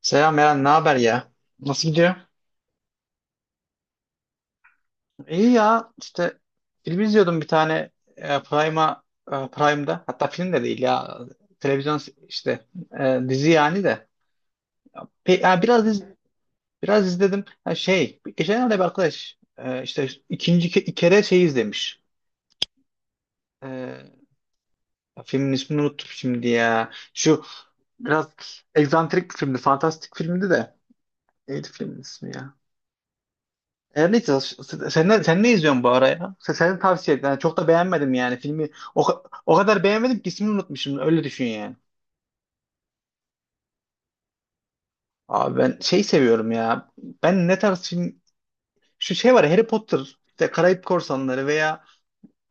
Selam Eren, ne haber ya? Nasıl gidiyor? İyi ya, işte film izliyordum bir tane e, Prime'a, Prime'da. Hatta film de değil ya, televizyon işte dizi yani de. Pe- ya biraz iz- Biraz izledim. Ha, şey, geçenlerde bir arkadaş işte ikinci kere şey izlemiş. E, Filmin ismini unuttum şimdi ya. Şu biraz egzantrik bir filmdi, fantastik filmdi de. Neydi filmin ismi ya? Her neyse sen ne izliyorsun bu ara ya? Senin tavsiye et. Yani çok da beğenmedim yani filmi. O kadar beğenmedim ki ismini unutmuşum. Öyle düşün yani. Abi ben şey seviyorum ya. Ben ne tarz film şu şey var ya, Harry Potter, işte Karayip Korsanları veya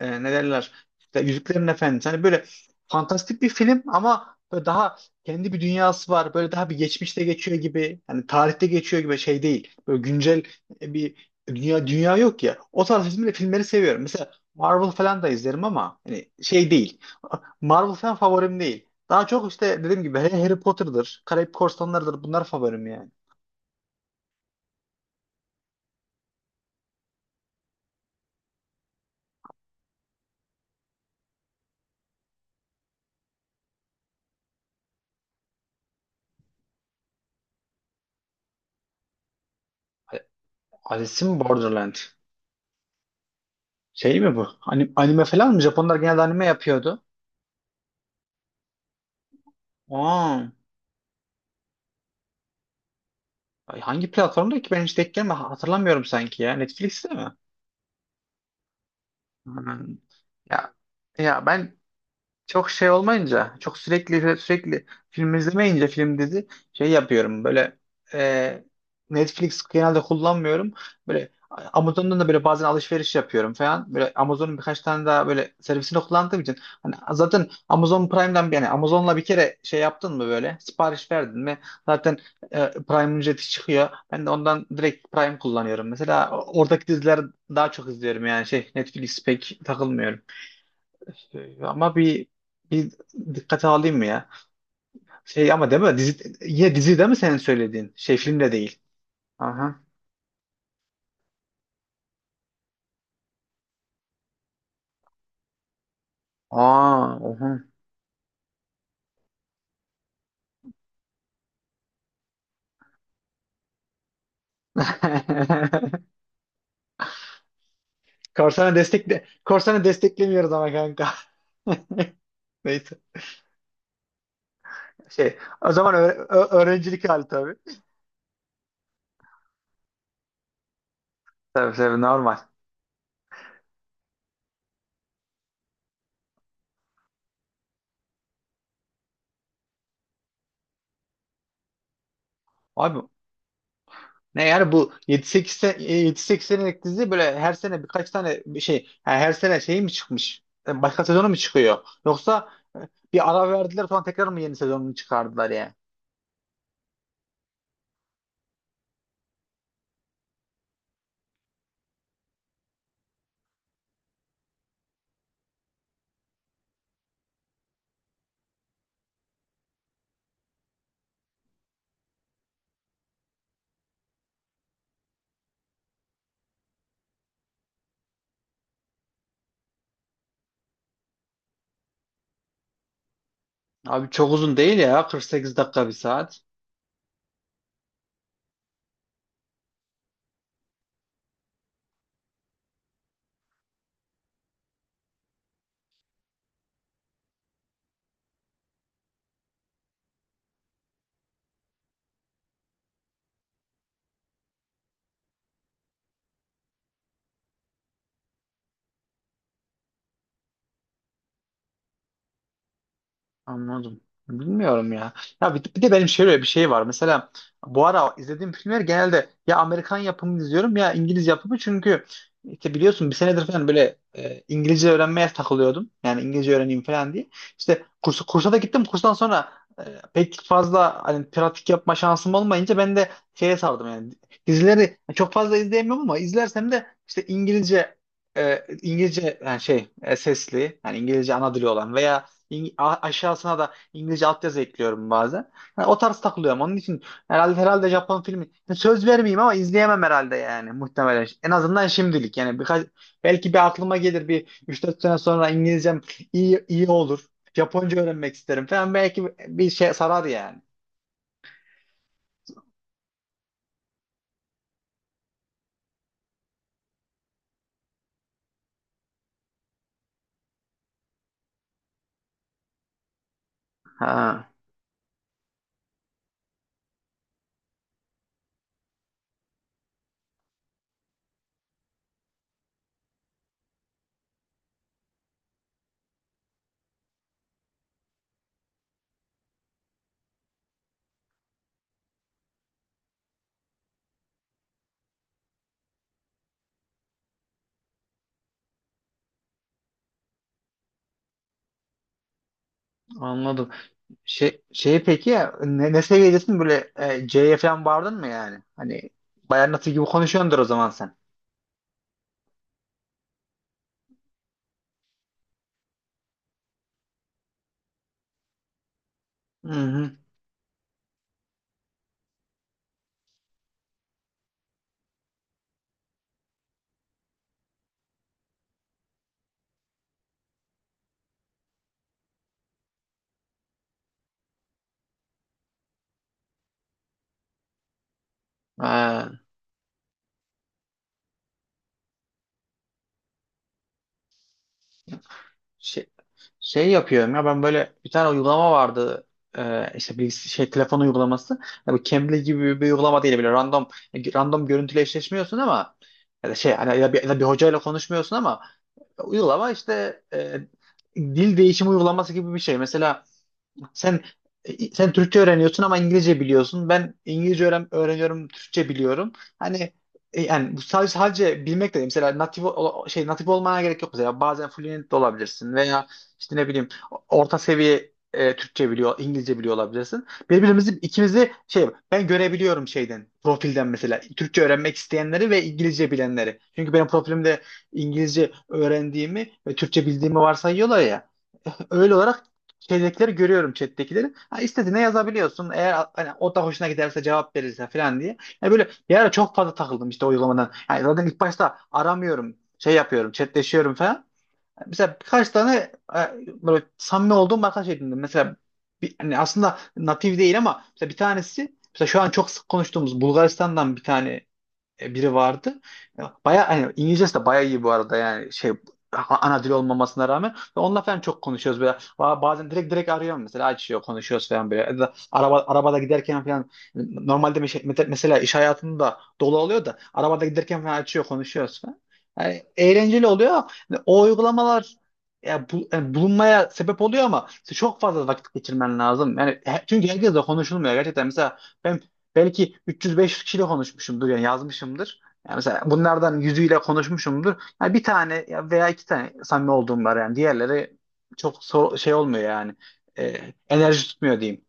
ne derler işte Yüzüklerin Efendisi. Hani böyle fantastik bir film ama böyle daha kendi bir dünyası var. Böyle daha bir geçmişte geçiyor gibi. Hani tarihte geçiyor gibi şey değil. Böyle güncel bir dünya yok ya. O tarz filmleri seviyorum. Mesela Marvel falan da izlerim ama hani şey değil. Marvel falan favorim değil. Daha çok işte dediğim gibi Harry Potter'dır, Karayip Korsanları'dır. Bunlar favorim yani. Alice in Borderland. Şey mi bu? Anime falan mı? Japonlar genelde anime yapıyordu. Aa. Ay, hangi platformda ki ben hiç denk gelme hatırlamıyorum sanki ya. Netflix'te mi? Hmm. Ya Ben çok şey olmayınca, çok sürekli sürekli film izlemeyince film dizi şey yapıyorum böyle. e, Netflix genelde kullanmıyorum. Böyle Amazon'dan da böyle bazen alışveriş yapıyorum falan. Böyle Amazon'un birkaç tane daha böyle servisini kullandığım için hani zaten Amazon Prime'den yani Amazon'la bir kere şey yaptın mı böyle sipariş verdin mi zaten Prime ücreti çıkıyor. Ben de ondan direkt Prime kullanıyorum. Mesela oradaki dizileri daha çok izliyorum yani şey Netflix pek takılmıyorum. İşte ama bir dikkate alayım mı ya? Şey ama değil mi? Dizi, yine dizi değil mi senin söylediğin? Şey film de değil. Aha. Aa, oha. Korsanı destekle Korsanı desteklemiyoruz ama kanka. Neyse. Şey, o zaman öğrencilik hali tabii. Tabii tabii normal. Abi ne yani bu 7-8 sene, 7-8 senelik dizi böyle her sene birkaç tane bir şey yani her sene şey mi çıkmış? Başka sezonu mu çıkıyor? Yoksa e, bir ara verdiler sonra tekrar mı yeni sezonunu çıkardılar yani? Abi çok uzun değil ya 48 dakika bir saat. Anladım. Bilmiyorum ya. Ya bir de benim şöyle bir şey var. Mesela bu ara izlediğim filmler genelde ya Amerikan yapımı izliyorum ya İngiliz yapımı çünkü işte biliyorsun bir senedir falan böyle İngilizce öğrenmeye takılıyordum. Yani İngilizce öğreneyim falan diye. İşte kursa da gittim. Kurstan sonra e, pek fazla hani pratik yapma şansım olmayınca ben de şeye sardım yani. Dizileri çok fazla izleyemiyorum ama izlersem de işte İngilizce sesli yani İngilizce ana dili olan veya aşağısına da İngilizce altyazı ekliyorum bazen. Yani o tarz takılıyorum. Onun için herhalde Japon filmi yani söz vermeyeyim ama izleyemem herhalde yani muhtemelen. En azından şimdilik yani birkaç belki bir aklıma gelir bir 3-4 sene sonra İngilizcem iyi olur. Japonca öğrenmek isterim falan belki bir şey sarar yani. Ha, anladım. Peki ya ne, seviyedesin böyle C'ye falan vardın mı yani? Hani bayan nasıl gibi konuşuyordur o zaman sen. Hı hı. Ha, şey- şey yapıyorum ya ben böyle bir tane uygulama vardı. İşte bir şey telefon uygulaması yani bu Cambly gibi bir uygulama değil böyle random görüntüyle eşleşmiyorsun ama ya da şey hani ya bir, ya da bir hocayla konuşmuyorsun ama uygulama işte dil değişimi uygulaması gibi bir şey mesela sen sen Türkçe öğreniyorsun ama İngilizce biliyorsun. Ben İngilizce öğreniyorum, Türkçe biliyorum. Hani yani bu sadece bilmek de değil. Mesela natif ol- şey natif olmana gerek yok mesela. Bazen fluent de olabilirsin veya işte ne bileyim orta seviye Türkçe biliyor, İngilizce biliyor olabilirsin. Birbirimizi ikimizi şey ben görebiliyorum şeyden, profilden mesela. Türkçe öğrenmek isteyenleri ve İngilizce bilenleri. Çünkü benim profilimde İngilizce öğrendiğimi ve Türkçe bildiğimi varsayıyorlar ya. Öyle olarak şeydekileri görüyorum chat'tekileri. Ha, istediğine yazabiliyorsun. Eğer hani, o da hoşuna giderse cevap verirse falan diye. Yani böyle bir ara çok fazla takıldım işte o uygulamadan. Yani zaten ilk başta aramıyorum. Şey yapıyorum. Chatleşiyorum falan. Mesela birkaç tane e, böyle samimi olduğum arkadaş edindim. Mesela bir, hani aslında natif değil ama mesela bir tanesi mesela şu an çok sık konuştuğumuz Bulgaristan'dan bir tane biri vardı. Baya hani İngilizcesi de baya iyi bu arada yani şey ana dil olmamasına rağmen ve onunla falan çok konuşuyoruz böyle. Bazen direkt arıyorum mesela açıyor konuşuyoruz falan böyle ya da arabada giderken falan normalde mesela iş hayatında dolu oluyor da arabada giderken falan açıyor konuşuyoruz falan yani eğlenceli oluyor. Yani o uygulamalar ya yani bulunmaya sebep oluyor ama işte çok fazla vakit geçirmen lazım yani çünkü herkesle konuşulmuyor gerçekten mesela ben belki 300-500 kişiyle konuşmuşumdur yani yazmışımdır. Yani mesela bunlardan 100'üyle konuşmuşumdur. Yani bir tane ya veya iki tane samimi olduğum var yani. Diğerleri çok şey olmuyor yani. Enerji tutmuyor diyeyim.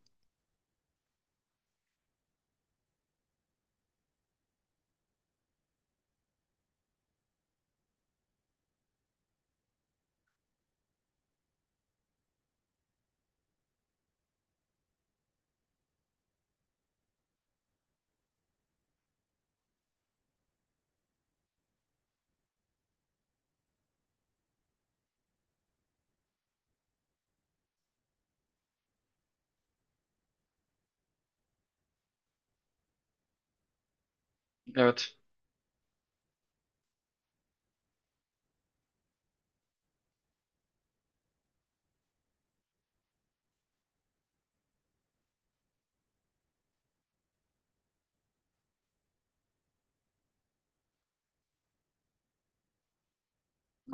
Evet.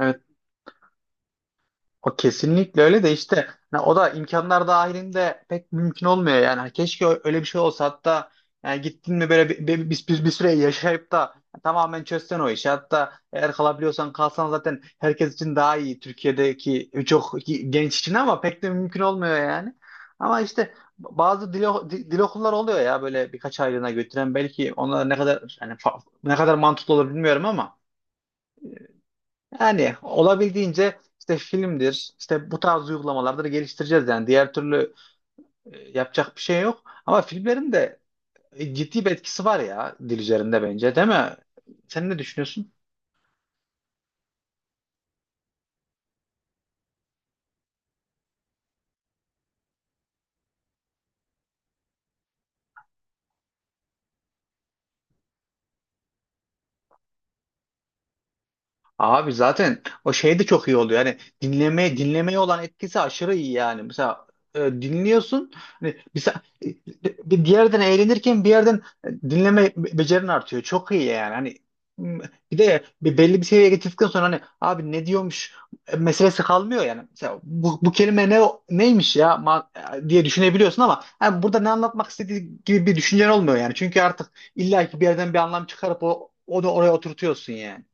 Evet. O kesinlikle öyle de işte hani o da imkanlar dahilinde pek mümkün olmuyor yani. Hani keşke öyle bir şey olsa hatta yani gittin mi böyle bir süre yaşayıp da tamamen çözsen o işi. Hatta eğer kalabiliyorsan kalsan zaten herkes için daha iyi Türkiye'deki çok genç için ama pek de mümkün olmuyor yani. Ama işte bazı dil okulları oluyor ya böyle birkaç aylığına götüren belki onlar ne kadar yani ne kadar mantıklı olur bilmiyorum ama yani olabildiğince işte filmdir, işte bu tarz uygulamalardır geliştireceğiz yani. Diğer türlü yapacak bir şey yok. Ama filmlerin de ciddi bir etkisi var ya dil üzerinde bence, değil mi? Sen ne düşünüyorsun? Abi zaten o şey de çok iyi oluyor. Yani dinlemeye dinlemeye olan etkisi aşırı iyi yani. Mesela dinliyorsun. Hani bir diğerden eğlenirken bir yerden dinleme becerin artıyor. Çok iyi yani. Hani m, bir de bir belli bir seviyeye getirdikten sonra hani abi ne diyormuş meselesi kalmıyor yani. Mesela bu kelime ne neymiş ya diye düşünebiliyorsun ama hani burada ne anlatmak istediği gibi bir düşüncen olmuyor yani. Çünkü artık illa ki bir yerden bir anlam çıkarıp onu oraya oturtuyorsun yani.